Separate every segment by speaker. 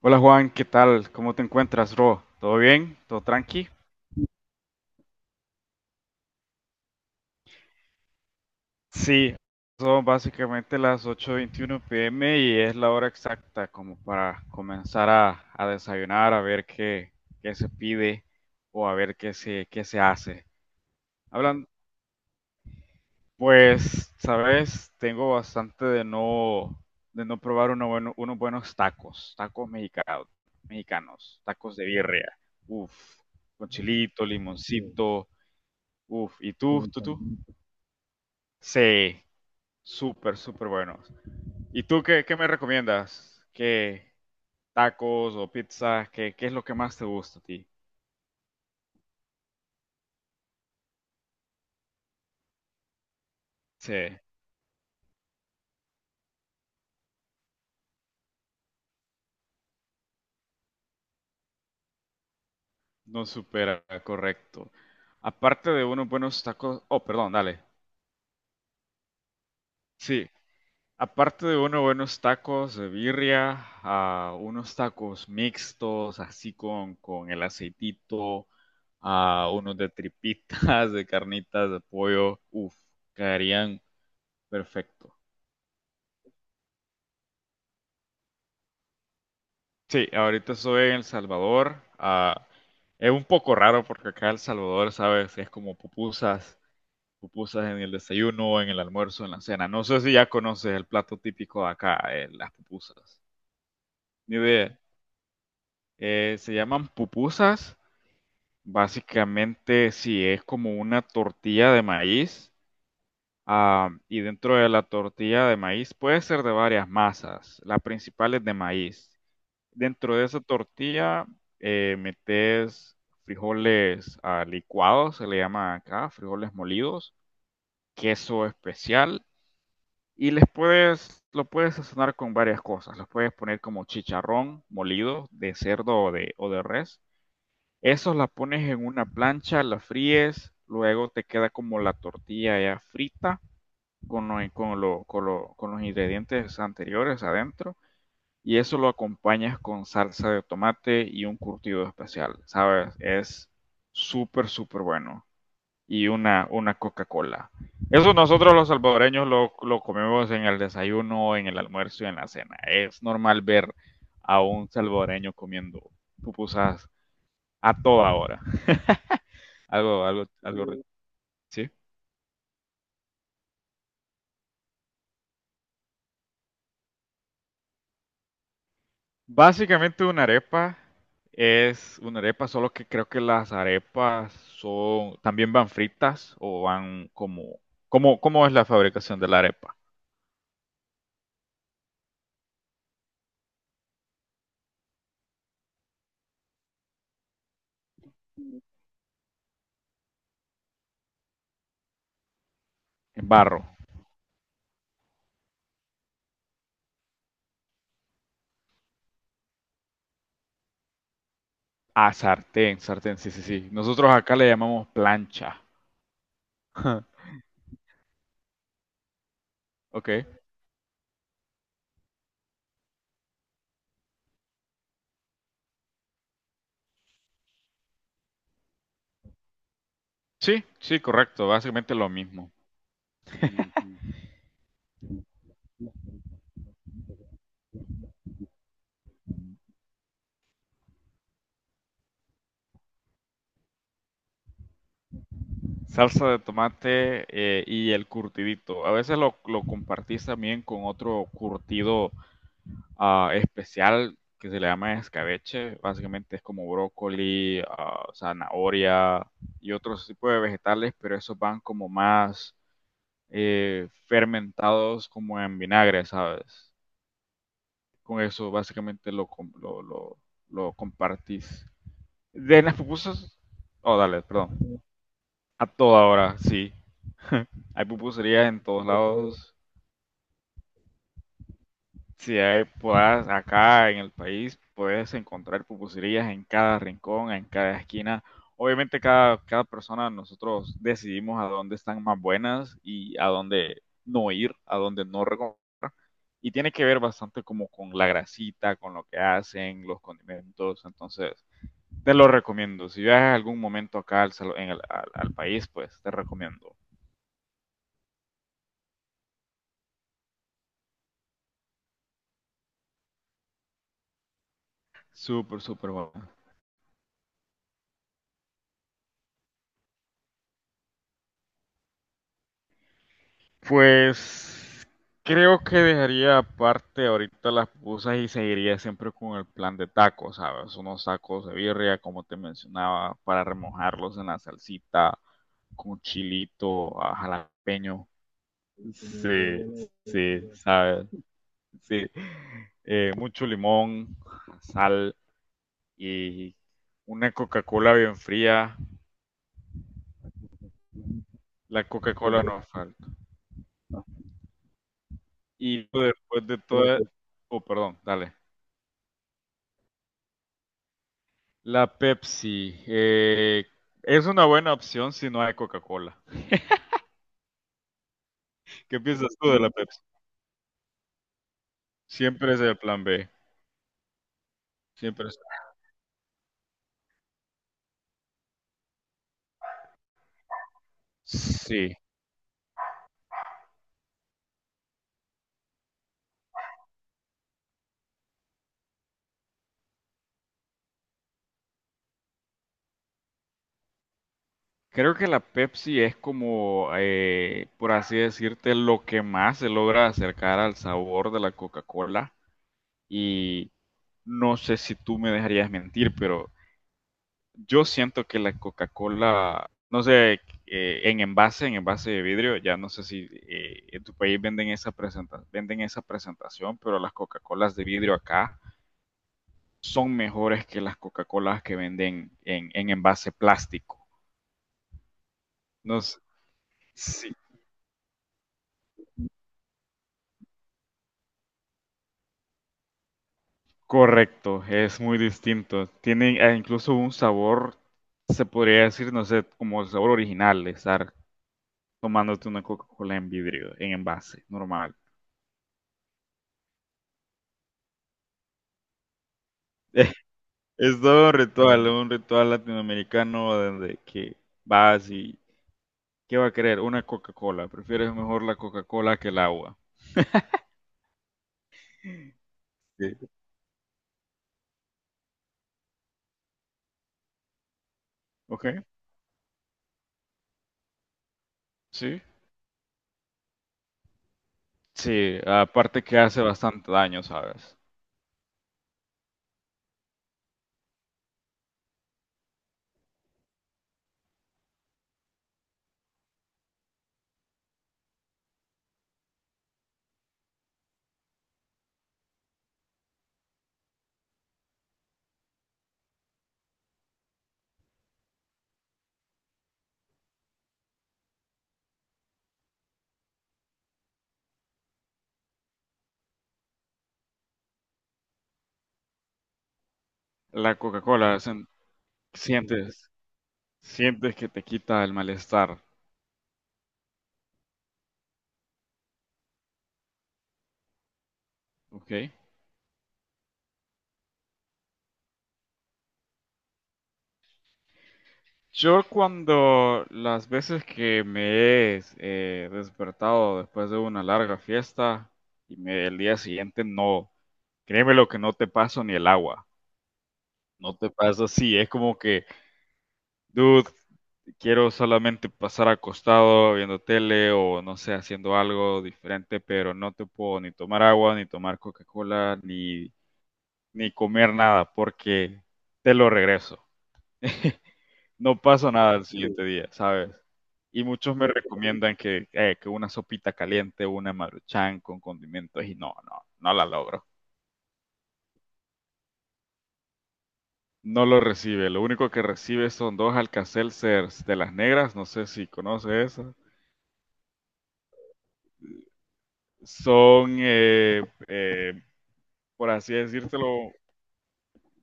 Speaker 1: Hola Juan, ¿qué tal? ¿Cómo te encuentras, bro? ¿Todo bien? ¿Todo tranqui? Sí, son básicamente las 8:21 pm y es la hora exacta como para comenzar a desayunar, a ver qué, qué se pide o a ver qué se hace. Hablan, pues, sabes, tengo bastante de no probar unos buenos tacos, tacos mexicanos, tacos de birria, uff, con chilito, sí, limoncito, uff, ¿y sí, tú? Sí, súper, súper buenos. ¿Y tú qué, qué me recomiendas? ¿Qué tacos o pizzas? ¿Qué, qué es lo que más te gusta a ti? Sí, no supera, correcto. Aparte de unos buenos tacos, oh, perdón, dale. Sí, aparte de unos buenos tacos de birria, ah, unos tacos mixtos, así con el aceitito, ah, unos de tripitas, de carnitas, de pollo, uff, caerían perfecto. Sí, ahorita estoy en El Salvador. Ah, es un poco raro porque acá El Salvador, ¿sabes? Es como pupusas, pupusas en el desayuno, en el almuerzo, en la cena. No sé si ya conoces el plato típico de acá, las pupusas. Ni idea. Se llaman pupusas. Básicamente, sí, es como una tortilla de maíz. Ah, y dentro de la tortilla de maíz puede ser de varias masas. La principal es de maíz. Dentro de esa tortilla metes frijoles ah, licuados, se le llama acá, frijoles molidos, queso especial y les puedes, lo puedes sazonar con varias cosas. Los puedes poner como chicharrón molido de cerdo o de res. Esos la pones en una plancha, la fríes, luego te queda como la tortilla ya frita con los ingredientes anteriores adentro y eso lo acompañas con salsa de tomate y un curtido especial, ¿sabes? Es súper, súper bueno. Y una Coca-Cola. Eso nosotros los salvadoreños lo comemos en el desayuno, en el almuerzo y en la cena. Es normal ver a un salvadoreño comiendo pupusas a toda hora. Algo, ¿sí? Básicamente una arepa es una arepa, solo que creo que las arepas son, también van fritas o van como, ¿cómo, cómo es la fabricación de la arepa? En barro. Ah, sartén, sartén, sí, sí, sí. Nosotros acá le llamamos plancha. Ok. Sí, sí, correcto, básicamente lo mismo. Ujú. Salsa de tomate y el curtidito. A veces lo compartís también con otro curtido ah, especial que se le llama escabeche. Básicamente es como brócoli, ah, zanahoria y otros tipos de vegetales, pero esos van como más fermentados como en vinagre, ¿sabes? Con eso básicamente lo compartís. De las pupusas, oh, dale, perdón. A toda hora, sí. Hay pupuserías en todos lados. Si hay, puedas, acá en el país puedes encontrar pupuserías en cada rincón, en cada esquina. Obviamente cada persona nosotros decidimos a dónde están más buenas y a dónde no ir, a dónde no recomendar. Y tiene que ver bastante como con la grasita, con lo que hacen, los condimentos. Entonces, te lo recomiendo. Si viajas algún momento acá al, salo- en el- al, al país, pues te recomiendo. Súper, súper bueno. Pues creo que dejaría aparte ahorita las pupusas y seguiría siempre con el plan de tacos, ¿sabes? Unos tacos de birria, como te mencionaba, para remojarlos en la salsita, con chilito, ah, jalapeño. Sí, sí, ¿sabes? Sí. Mucho limón, sal y una Coca-Cola bien fría. La Coca-Cola no falta. Y después de todo... Oh, perdón, dale. La Pepsi. Eh, es una buena opción si no hay Coca-Cola. ¿Qué piensas tú de la Pepsi? Siempre es el plan B. Siempre es. Sí. Creo que la Pepsi es como, por así decirte, lo que más se logra acercar al sabor de la Coca-Cola. Y no sé si tú me dejarías mentir, pero yo siento que la Coca-Cola, no sé, en envase de vidrio, ya no sé si en tu país venden esa, venden esa presentación, pero las Coca-Colas de vidrio acá son mejores que las Coca-Colas que venden en envase plástico. No sé, sí, correcto, es muy distinto. Tienen incluso un sabor, se podría decir, no sé, como el sabor original de estar tomándote una Coca-Cola en vidrio, en envase, normal. Es todo un ritual latinoamericano donde que vas y ¿qué va a querer? Una Coca-Cola. Prefieres mejor la Coca-Cola que el agua. Sí. ¿Ok? Sí. Sí, aparte que hace bastante daño, ¿sabes? La Coca-Cola sen- sientes sientes que te quita el malestar, ¿ok? Yo cuando las veces que me he despertado después de una larga fiesta y me, el día siguiente no, créeme lo que no te paso ni el agua. No te pasa así, es como que, dude, quiero solamente pasar acostado viendo tele o no sé, haciendo algo diferente, pero no te puedo ni tomar agua, ni tomar Coca-Cola, ni, ni comer nada porque te lo regreso. No pasa nada el siguiente día, ¿sabes? Y muchos me recomiendan que una sopita caliente, una maruchan con condimentos y no, no, no la logro. No lo recibe, lo único que recibe son dos Alka-Seltzers de las negras, no sé si conoces esas. Son, por así decírtelo,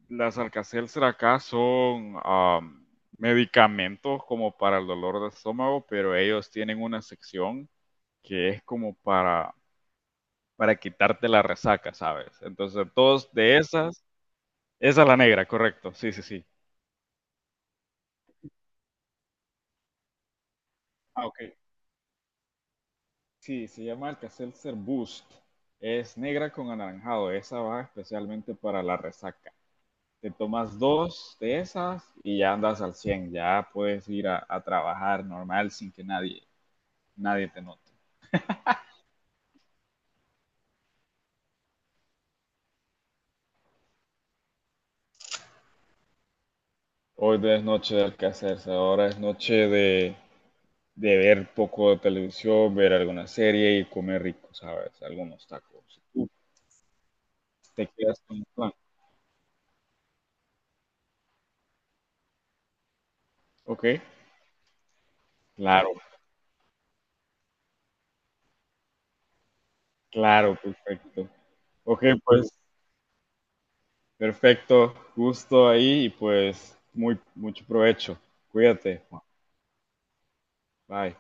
Speaker 1: las Alka-Seltzer acá son medicamentos como para el dolor de estómago, pero ellos tienen una sección que es como para quitarte la resaca, ¿sabes? Entonces, todos de esas, esa es la negra, correcto, sí, sí, sí. Ah, ok. Sí, se llama Alka-Seltzer Boost. Es negra con anaranjado. Esa va especialmente para la resaca. Te tomas dos de esas y ya andas al 100 ya puedes ir a trabajar normal sin que nadie, nadie te note. Hoy no es noche de alcacerse, ahora es noche de ver poco de televisión, ver alguna serie y comer rico, ¿sabes? Algunos tacos. Si tú te quedas con el plan, ¿ok? Claro, claro, perfecto. Ok, pues perfecto, gusto ahí y pues muy, mucho provecho. Cuídate, Juan. Bye.